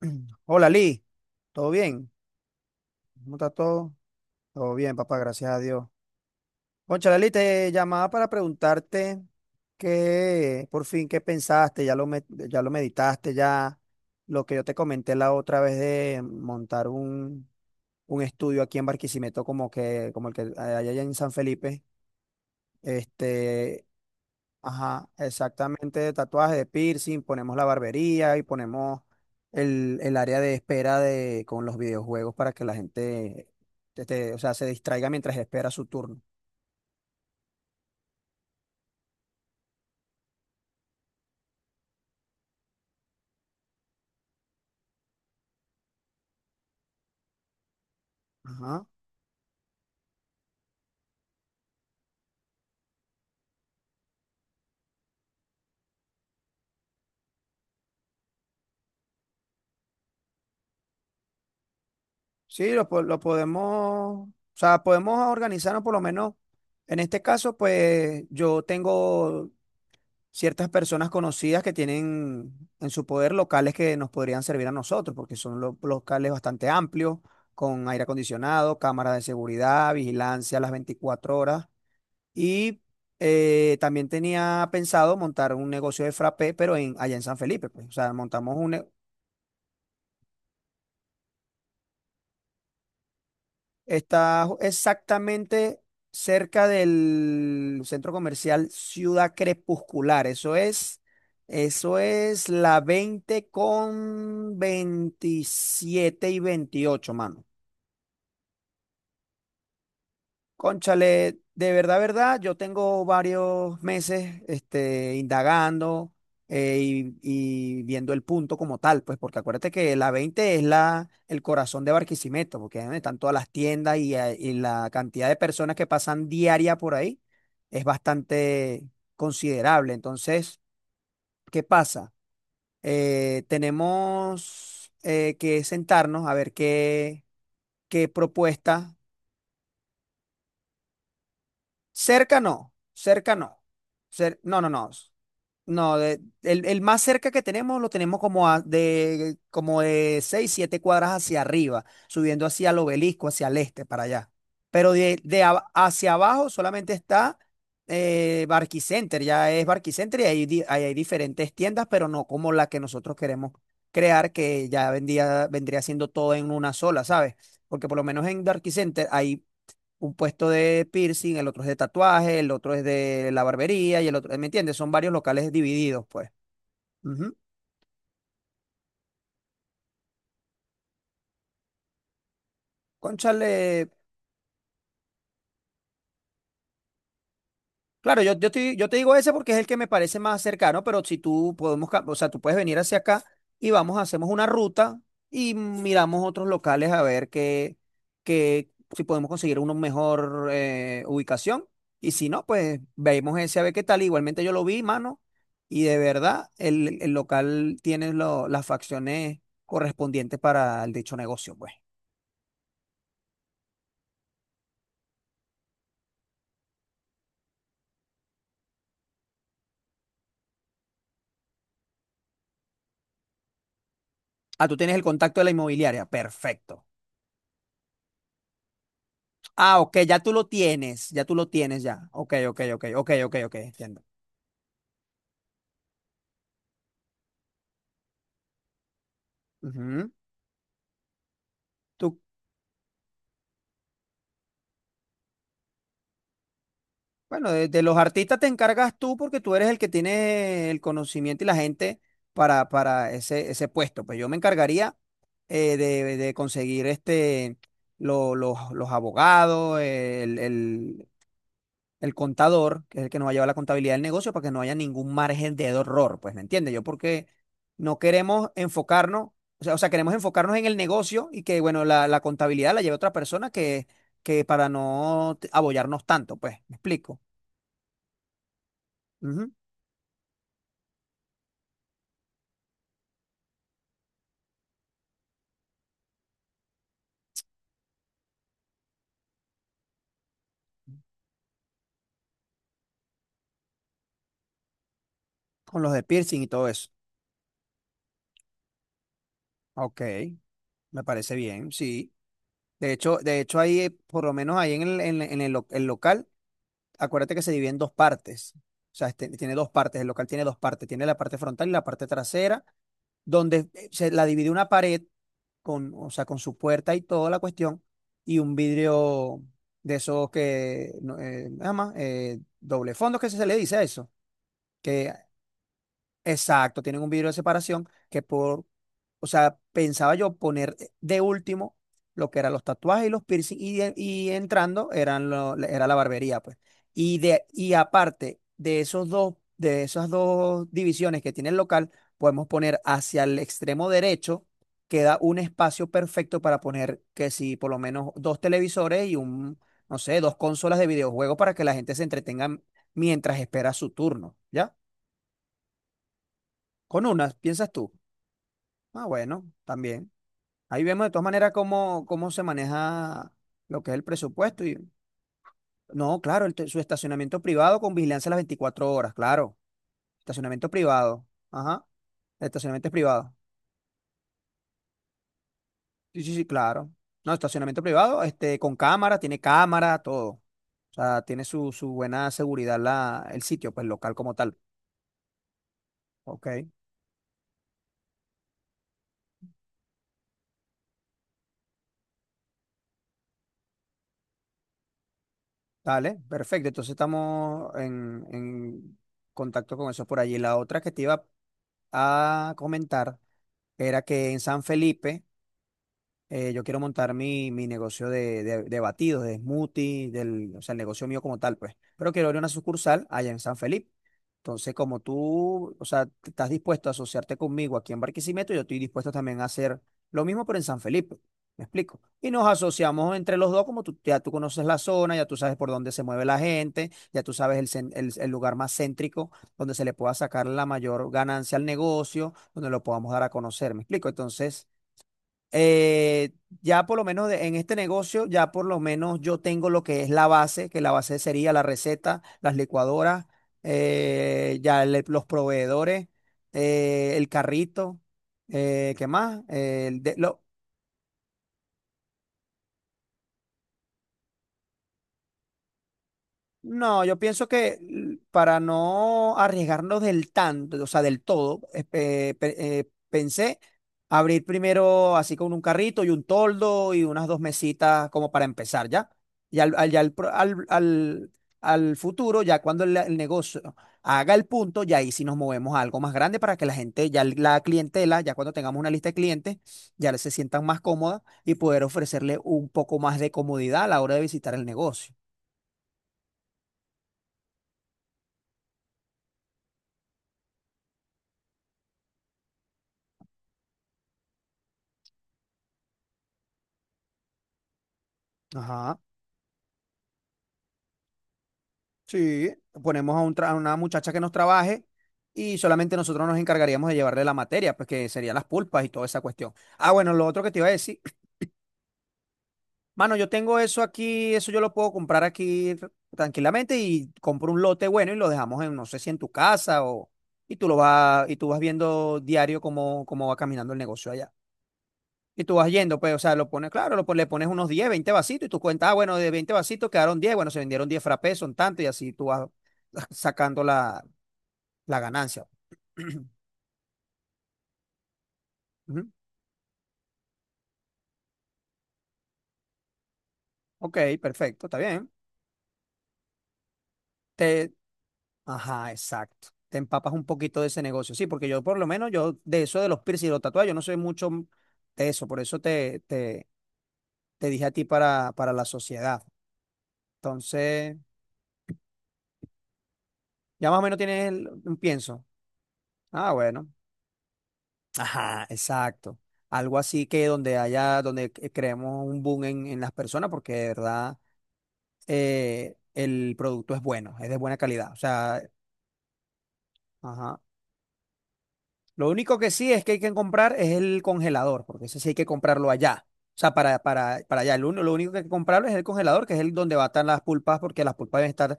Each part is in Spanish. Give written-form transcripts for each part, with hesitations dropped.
Hola, Lee. ¿Todo bien? ¿Cómo está todo? Todo bien, papá, gracias a Dios. Cónchale, Lee, te llamaba para preguntarte qué, por fin, qué pensaste, ya lo meditaste, ya lo que yo te comenté la otra vez de montar un estudio aquí en Barquisimeto, como que, como el que hay allá en San Felipe. Este, Ajá, exactamente, de tatuaje, de piercing, ponemos la barbería y ponemos el área de espera con los videojuegos para que la gente o sea, se distraiga mientras espera su turno. Ajá. Sí, lo podemos, o sea, podemos organizarnos por lo menos. En este caso, pues yo tengo ciertas personas conocidas que tienen en su poder locales que nos podrían servir a nosotros, porque son locales bastante amplios, con aire acondicionado, cámaras de seguridad, vigilancia a las 24 horas. Y también tenía pensado montar un negocio de frappé, pero allá en San Felipe, pues. O sea, montamos un, ne-. Exactamente cerca del centro comercial Ciudad Crepuscular. Eso es la 20 con 27 y 28, mano. Cónchale, de verdad, verdad, yo tengo varios meses indagando, y viendo el punto como tal, pues porque acuérdate que la 20 es el corazón de Barquisimeto, porque ahí donde están todas las tiendas y la cantidad de personas que pasan diaria por ahí es bastante considerable. Entonces, ¿qué pasa? Tenemos que sentarnos a ver qué, propuesta. Cerca no, cerca no. No, no, no. No, el más cerca que tenemos lo tenemos como de 6 7 cuadras hacia arriba, subiendo hacia el obelisco, hacia el este, para allá. Pero hacia abajo solamente está Barquicenter, ya es Barquicenter y ahí hay diferentes tiendas, pero no como la que nosotros queremos crear, que vendría siendo todo en una sola, ¿sabes? Porque por lo menos en Barquicenter hay un puesto de piercing, el otro es de tatuaje, el otro es de la barbería y el otro, ¿me entiendes? Son varios locales divididos, pues. Ujú. Cónchale, claro, yo te digo ese porque es el que me parece más cercano, pero si tú podemos, o sea, tú puedes venir hacia acá y vamos, hacemos una ruta y miramos otros locales a ver qué, si podemos conseguir una mejor ubicación. Y si no, pues veamos ese a ver qué tal. Igualmente yo lo vi, mano, y de verdad el local tiene las facciones correspondientes para el dicho negocio, pues. Ah, tú tienes el contacto de la inmobiliaria. Perfecto. Ah, ok, ya tú lo tienes, ya tú lo tienes ya. Ok, ok, ok, ok, ok, ok, entiendo. Ujú. Tú, bueno, de los artistas te encargas tú porque tú eres el que tiene el conocimiento y la gente para ese puesto. Pues yo me encargaría de conseguir los abogados, el contador, que es el que nos va a llevar la contabilidad del negocio, para que no haya ningún margen de error, pues, ¿me entiendes? Yo porque no queremos enfocarnos, o sea, queremos enfocarnos en el negocio y que, bueno, la contabilidad la lleve otra persona, que para no abollarnos tanto, pues, ¿me explico? Ujú. Con los de piercing y todo eso. Ok, me parece bien, sí. De hecho ahí, por lo menos ahí en el el local, acuérdate que se divide en dos partes. O sea, tiene dos partes, el local tiene dos partes, tiene la parte frontal y la parte trasera donde se la divide una pared con, o sea, con su puerta y toda la cuestión, y un vidrio de esos que, no, nada más, doble fondo, que se le dice a eso, que. Exacto, tienen un vidrio de separación o sea, pensaba yo poner de último lo que eran los tatuajes y los piercing y entrando eran era la barbería, pues. Y aparte de esos dos, de esas dos divisiones que tiene el local, podemos poner hacia el extremo derecho, queda un espacio perfecto para poner que si por lo menos dos televisores y un, no sé, dos consolas de videojuegos para que la gente se entretenga mientras espera su turno, ¿ya? Con unas, ¿piensas tú? Ah, bueno, también. Ahí vemos de todas maneras cómo se maneja lo que es el presupuesto. Y, no, claro, su estacionamiento privado con vigilancia las 24 horas, claro. Estacionamiento privado. Ajá. El estacionamiento es privado. Sí, sí, sí, claro. No, estacionamiento privado, con cámara, tiene cámara, todo. O sea, tiene su buena seguridad el sitio, pues local como tal. Ok, dale, perfecto. Entonces estamos en contacto con eso por allí. La otra que te iba a comentar era que en San Felipe yo quiero montar mi negocio de batidos, de smoothies, o sea, el negocio mío como tal, pues. Pero quiero abrir una sucursal allá en San Felipe. Entonces, como tú, o sea, estás dispuesto a asociarte conmigo aquí en Barquisimeto, yo estoy dispuesto también a hacer lo mismo, pero en San Felipe. ¿Me explico? Y nos asociamos entre los dos, como tú, ya tú conoces la zona, ya tú sabes por dónde se mueve la gente, ya tú sabes el, cen- el lugar más céntrico donde se le pueda sacar la mayor ganancia al negocio, donde lo podamos dar a conocer. ¿Me explico? Entonces eh, ya por lo menos en este negocio, ya por lo menos yo tengo lo que es la base, que la base sería la receta, las licuadoras, los proveedores, el carrito, ¿qué más? No, yo pienso que para no arriesgarnos del tanto, o sea, del todo, pensé abrir primero así con un carrito y un toldo y unas dos mesitas como para empezar, ¿ya? Al al- futuro, ya cuando el negocio haga el punto, ya ahí sí nos movemos a algo más grande para que la gente, ya la clientela, ya cuando tengamos una lista de clientes, ya se sientan más cómodas y poder ofrecerle un poco más de comodidad a la hora de visitar el negocio. Ajá. Sí, ponemos a una muchacha que nos trabaje y solamente nosotros nos encargaríamos de llevarle la materia, pues que serían las pulpas y toda esa cuestión. Ah, bueno, lo otro que te iba a decir, mano, yo tengo eso aquí, eso yo lo puedo comprar aquí tranquilamente y compro un lote bueno y lo dejamos no sé si en tu casa o y tú lo vas y tú vas viendo diario cómo va caminando el negocio allá. Y tú vas yendo, pues, o sea, lo pones, claro, le pones unos 10, 20 vasitos y tú cuentas, ah, bueno, de 20 vasitos quedaron 10, bueno, se vendieron 10 frappés, son tanto y así tú vas sacando la ganancia. Ujú. Ok, perfecto, está bien. Te, ajá, exacto. Te empapas un poquito de ese negocio. Sí, porque yo por lo menos, yo de eso de los piercing, y los tatuajes, yo no soy mucho de eso. Por eso te dije a ti para la sociedad. Entonces, ya más o menos tienes un pienso. Ah, bueno. Ajá, exacto. Algo así que donde haya, donde creemos un boom en las personas, porque de verdad el producto es bueno, es de buena calidad. O sea, ajá. Lo único que sí es que hay que comprar es el congelador, porque ese sí hay que comprarlo allá. O sea, para allá. Lo único que hay que comprarlo es el congelador, que es el donde batan las pulpas, porque las pulpas deben estar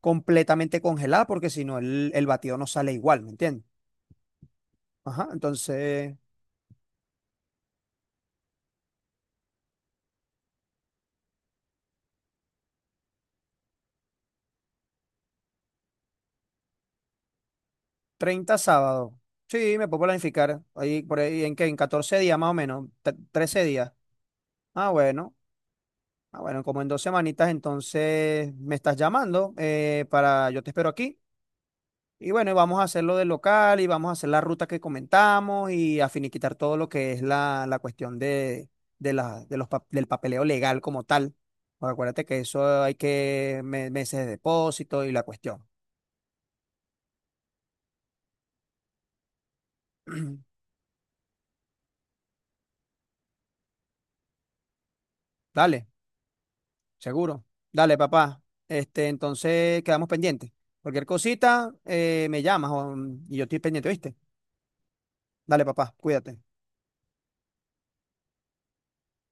completamente congeladas, porque si no, el batido no sale igual, ¿me entiendes? Ajá, entonces, 30 sábado. Sí, me puedo planificar. Ahí, por ahí, ¿en qué? En 14 días más o menos, 13 días. Ah, bueno. Ah, bueno, como en dos semanitas, entonces me estás llamando para, yo te espero aquí. Y bueno, y vamos a hacerlo del local y vamos a hacer la ruta que comentamos y a finiquitar todo lo que es la cuestión de la, de los, pa- del papeleo legal como tal. Porque acuérdate que eso hay que meses de depósito y la cuestión. Dale, seguro. Dale, papá. Entonces quedamos pendientes. Cualquier cosita, me llamas y yo estoy pendiente, ¿viste? Dale, papá, cuídate.